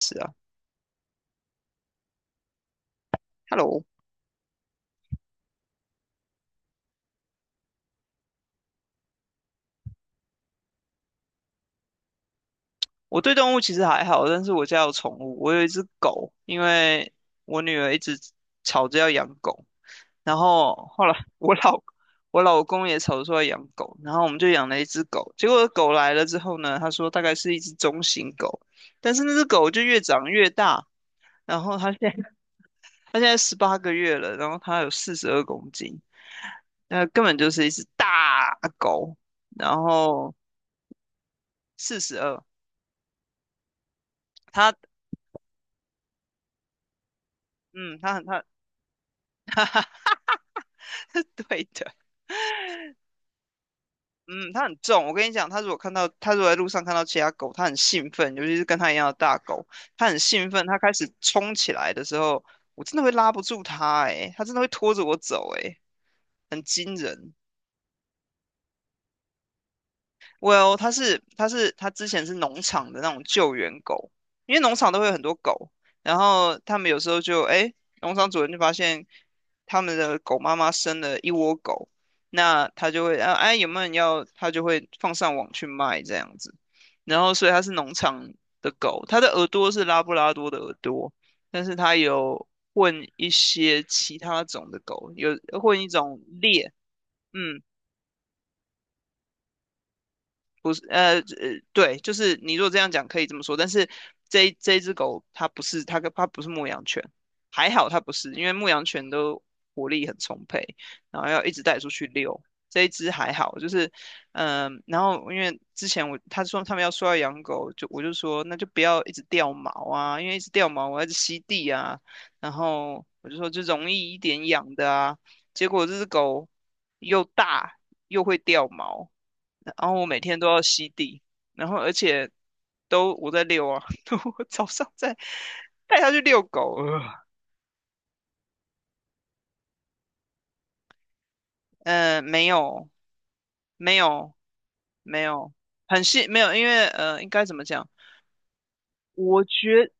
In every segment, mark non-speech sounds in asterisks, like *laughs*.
是啊，Hello，我对动物其实还好，但是我家有宠物，我有一只狗，因为我女儿一直吵着要养狗，然后后来我老公也吵着说要养狗，然后我们就养了一只狗。结果狗来了之后呢，他说大概是一只中型狗，但是那只狗就越长越大，然后它现在 *laughs* 它现在18个月了，然后它有42公斤，那根本就是一只大狗。然后四十二，它。嗯，它很它 *laughs* 对的，嗯，它很重。我跟你讲，它如果在路上看到其他狗，它很兴奋，尤其是跟它一样的大狗，它很兴奋。它开始冲起来的时候，我真的会拉不住它，诶，它真的会拖着我走，诶，很惊人。Well，它之前是农场的那种救援狗，因为农场都会有很多狗，然后他们有时候就诶，农场主人就发现他们的狗妈妈生了一窝狗，那他就会有没有人要，他就会放上网去卖这样子。然后所以它是农场的狗，它的耳朵是拉布拉多的耳朵，但是它有混一些其他种的狗，有混一种猎。嗯。不是，对，就是你如果这样讲可以这么说，但是这一只狗它不是牧羊犬，还好它不是，因为牧羊犬都活力很充沛，然后要一直带出去遛。这一只还好，就是然后因为之前他说他们要说要养狗，就我就说那就不要一直掉毛啊，因为一直掉毛我要一直吸地啊，然后我就说就容易一点养的啊，结果这只狗又大又会掉毛。然后我每天都要吸地，然后而且都我在遛啊，*laughs* 我早上在带它去遛狗。没有，没有，没有，很细，没有，因为应该怎么讲？我觉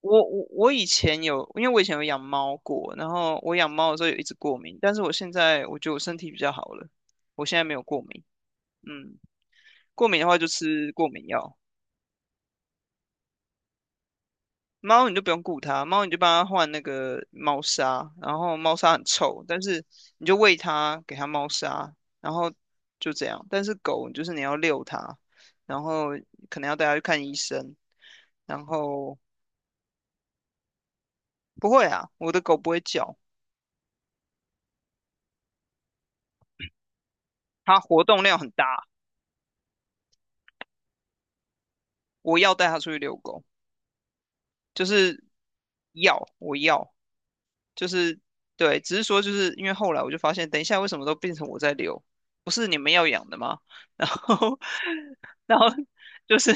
我我我以前有，因为我以前有养猫过，然后我养猫的时候有一直过敏，但是我现在我觉得我身体比较好了，我现在没有过敏，嗯，过敏的话就吃过敏药。猫你就不用顾它，猫你就帮它换那个猫砂，然后猫砂很臭，但是你就喂它，给它猫砂，然后就这样。但是狗就是你要遛它，然后可能要带它去看医生，然后不会啊，我的狗不会叫，它活动量很大。我要带它出去遛狗，就是要我要。就是对，只是说就是因为后来我就发现，等一下，为什么都变成我在遛，不是你们要养的吗？*laughs* 然后然后就是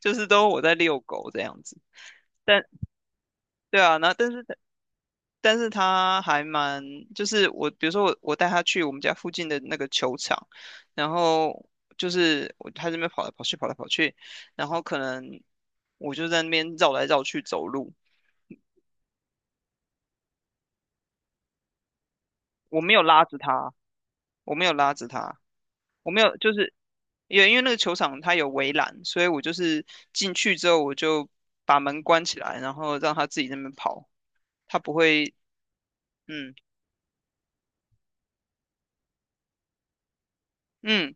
就是都我在遛狗这样子。但对啊，那但是但是他还蛮就是，我比如说我带他去我们家附近的那个球场，然后就是他这边跑来跑去跑来跑去，然后可能我就在那边绕来绕去走路。我没有拉着他，我没有拉着他。我没有，就是也因为那个球场它有围栏，所以我就是进去之后我就把门关起来，然后让它自己在那边跑，它不会。嗯嗯，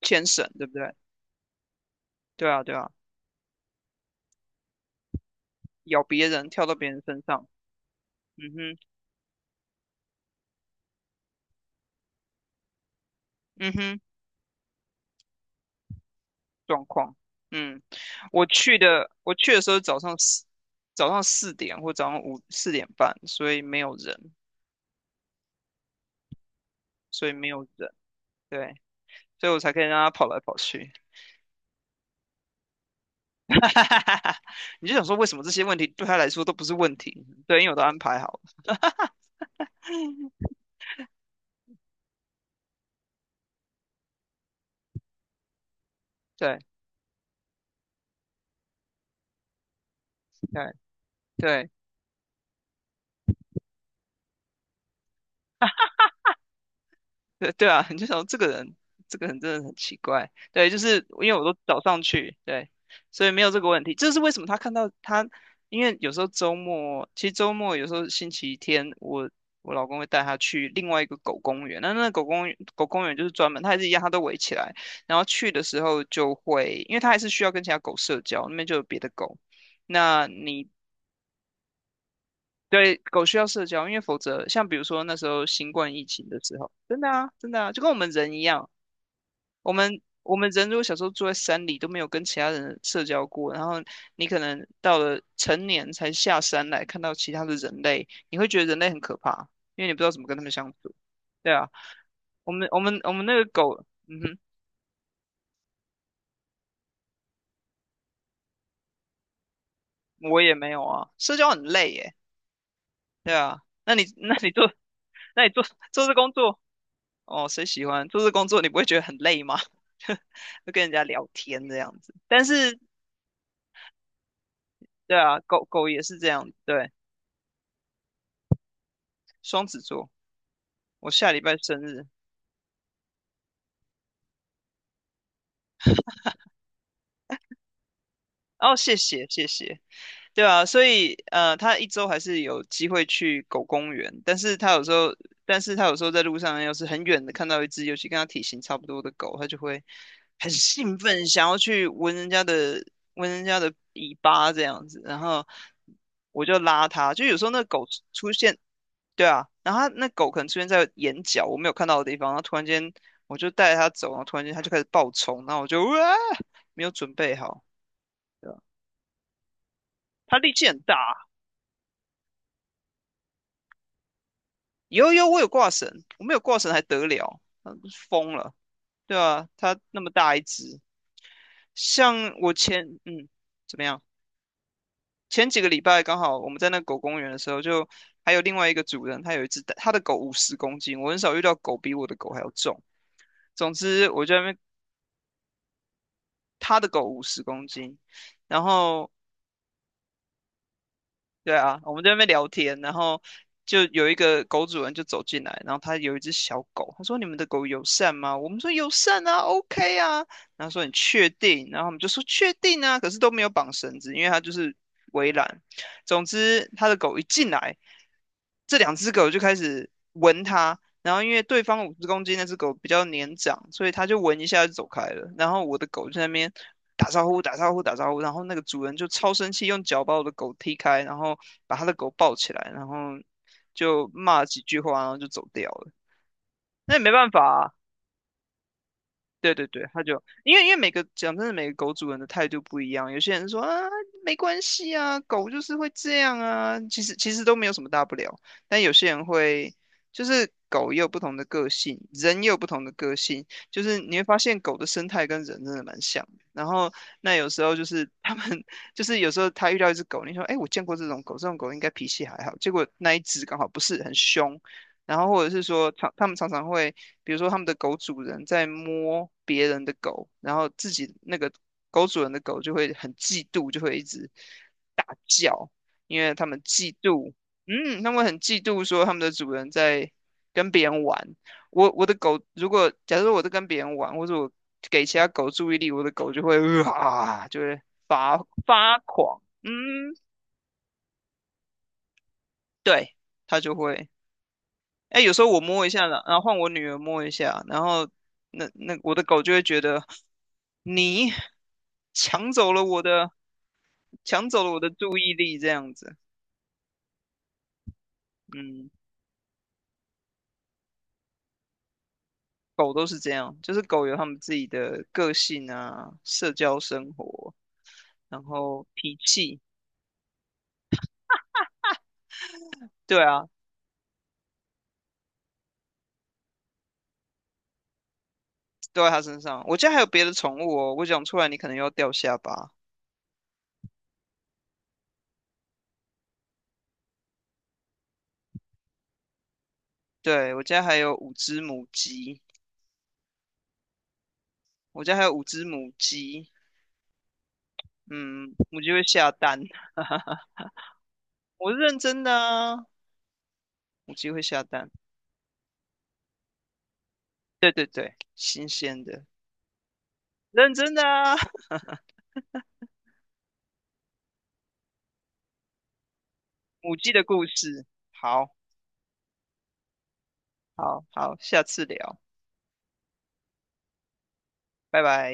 牵绳，对不对？对啊对啊，咬别人，跳到别人身上，嗯哼嗯哼，状况，嗯。我去的时候早上4点或早上五4点半，所以没有人，所以没有人，对，所以我才可以让他跑来跑去。*laughs* 哈，哈哈哈。你就想说为什么这些问题对他来说都不是问题？对，因为我都安排好了。*laughs* 对对对，对对啊，*laughs* 你就想说这个人，这个人真的很奇怪。对，就是因为我都早上去，对，所以没有这个问题。这是为什么他看到他，因为有时候周末，其实周末有时候星期天，我老公会带他去另外一个狗公园。那个狗公园，狗公园就是专门，它还是一样，它都围起来。然后去的时候就会，因为他还是需要跟其他狗社交，那边就有别的狗。那你对，狗需要社交，因为否则像比如说那时候新冠疫情的时候，真的啊，真的啊，就跟我们人一样。我们人如果小时候住在山里都没有跟其他人社交过，然后你可能到了成年才下山来看到其他的人类，你会觉得人类很可怕，因为你不知道怎么跟他们相处。对啊，我们那个狗，嗯哼，我也没有啊，社交很累耶。对啊，那你做这工作。哦，谁喜欢做这工作？你不会觉得很累吗？*laughs* 就跟人家聊天这样子。但是对啊，狗狗也是这样，对。双子座，我下礼拜生日。哦，谢谢谢谢，对啊。所以他一周还是有机会去狗公园，但是他有时候在路上，要是很远的看到一只，尤其跟他体型差不多的狗，他就会很兴奋，想要去闻人家的尾巴这样子。然后我就拉它，就有时候那狗出现。对啊，然后它那狗可能出现在眼角我没有看到的地方，然后突然间我就带着它走，然后突然间它就开始暴冲，然后我就哇，没有准备好。它力气很大啊。有有，我有挂绳，我没有挂绳还得了？嗯疯了。对啊，他那么大一只，像我前嗯怎么样？前几个礼拜刚好我们在那个狗公园的时候，就还有另外一个主人，他有一只他的狗五十公斤，我很少遇到狗比我的狗还要重。总之，我就在那边，他的狗五十公斤，然后对啊，我们在那边聊天，然后就有一个狗主人就走进来，然后他有一只小狗，他说：“你们的狗友善吗？”我们说：“友善啊，OK 啊。”然后说：“你确定？”然后我们就说：“确定啊。”可是都没有绑绳子，因为它就是围栏。总之，他的狗一进来，这两只狗就开始闻它。然后因为对方五十公斤那只狗比较年长，所以它就闻一下就走开了。然后我的狗就在那边打招呼、打招呼、打招呼，然后那个主人就超生气，用脚把我的狗踢开，然后把他的狗抱起来，然后就骂几句话，然后就走掉了。那也没办法啊，对对对。他就因为每个，讲真的，每个狗主人的态度不一样。有些人说啊，没关系啊，狗就是会这样啊，其实都没有什么大不了。但有些人会，就是狗也有不同的个性，人也有不同的个性。就是你会发现狗的生态跟人真的蛮像的。然后那有时候就是他们 *laughs* 就是有时候他遇到一只狗，你说哎，我见过这种狗，这种狗应该脾气还好，结果那一只刚好不是很凶。然后或者是说他们常常会，比如说他们的狗主人在摸别人的狗，然后自己那个狗主人的狗就会很嫉妒，就会一直大叫，因为他们嫉妒。嗯，他们很嫉妒说他们的主人在跟别人玩。我的狗，如果假如说我在跟别人玩，或者我给其他狗注意力，我的狗就会啊，就会发狂，嗯，对，它就会。哎，有时候我摸一下了，然后换我女儿摸一下，然后那我的狗就会觉得，你抢走了我的，抢走了我的注意力，这样子。嗯，狗都是这样，就是狗有它们自己的个性啊，社交生活，然后脾气，对啊，都在它身上。我家还有别的宠物哦，我讲出来你可能又要掉下巴。对，我家还有五只母鸡，我家还有五只母鸡。嗯，母鸡会下蛋。*laughs* 我是认真的啊，母鸡会下蛋。对对对，新鲜的，认真的啊。*laughs* 母鸡的故事。好，好，好，下次聊，拜拜。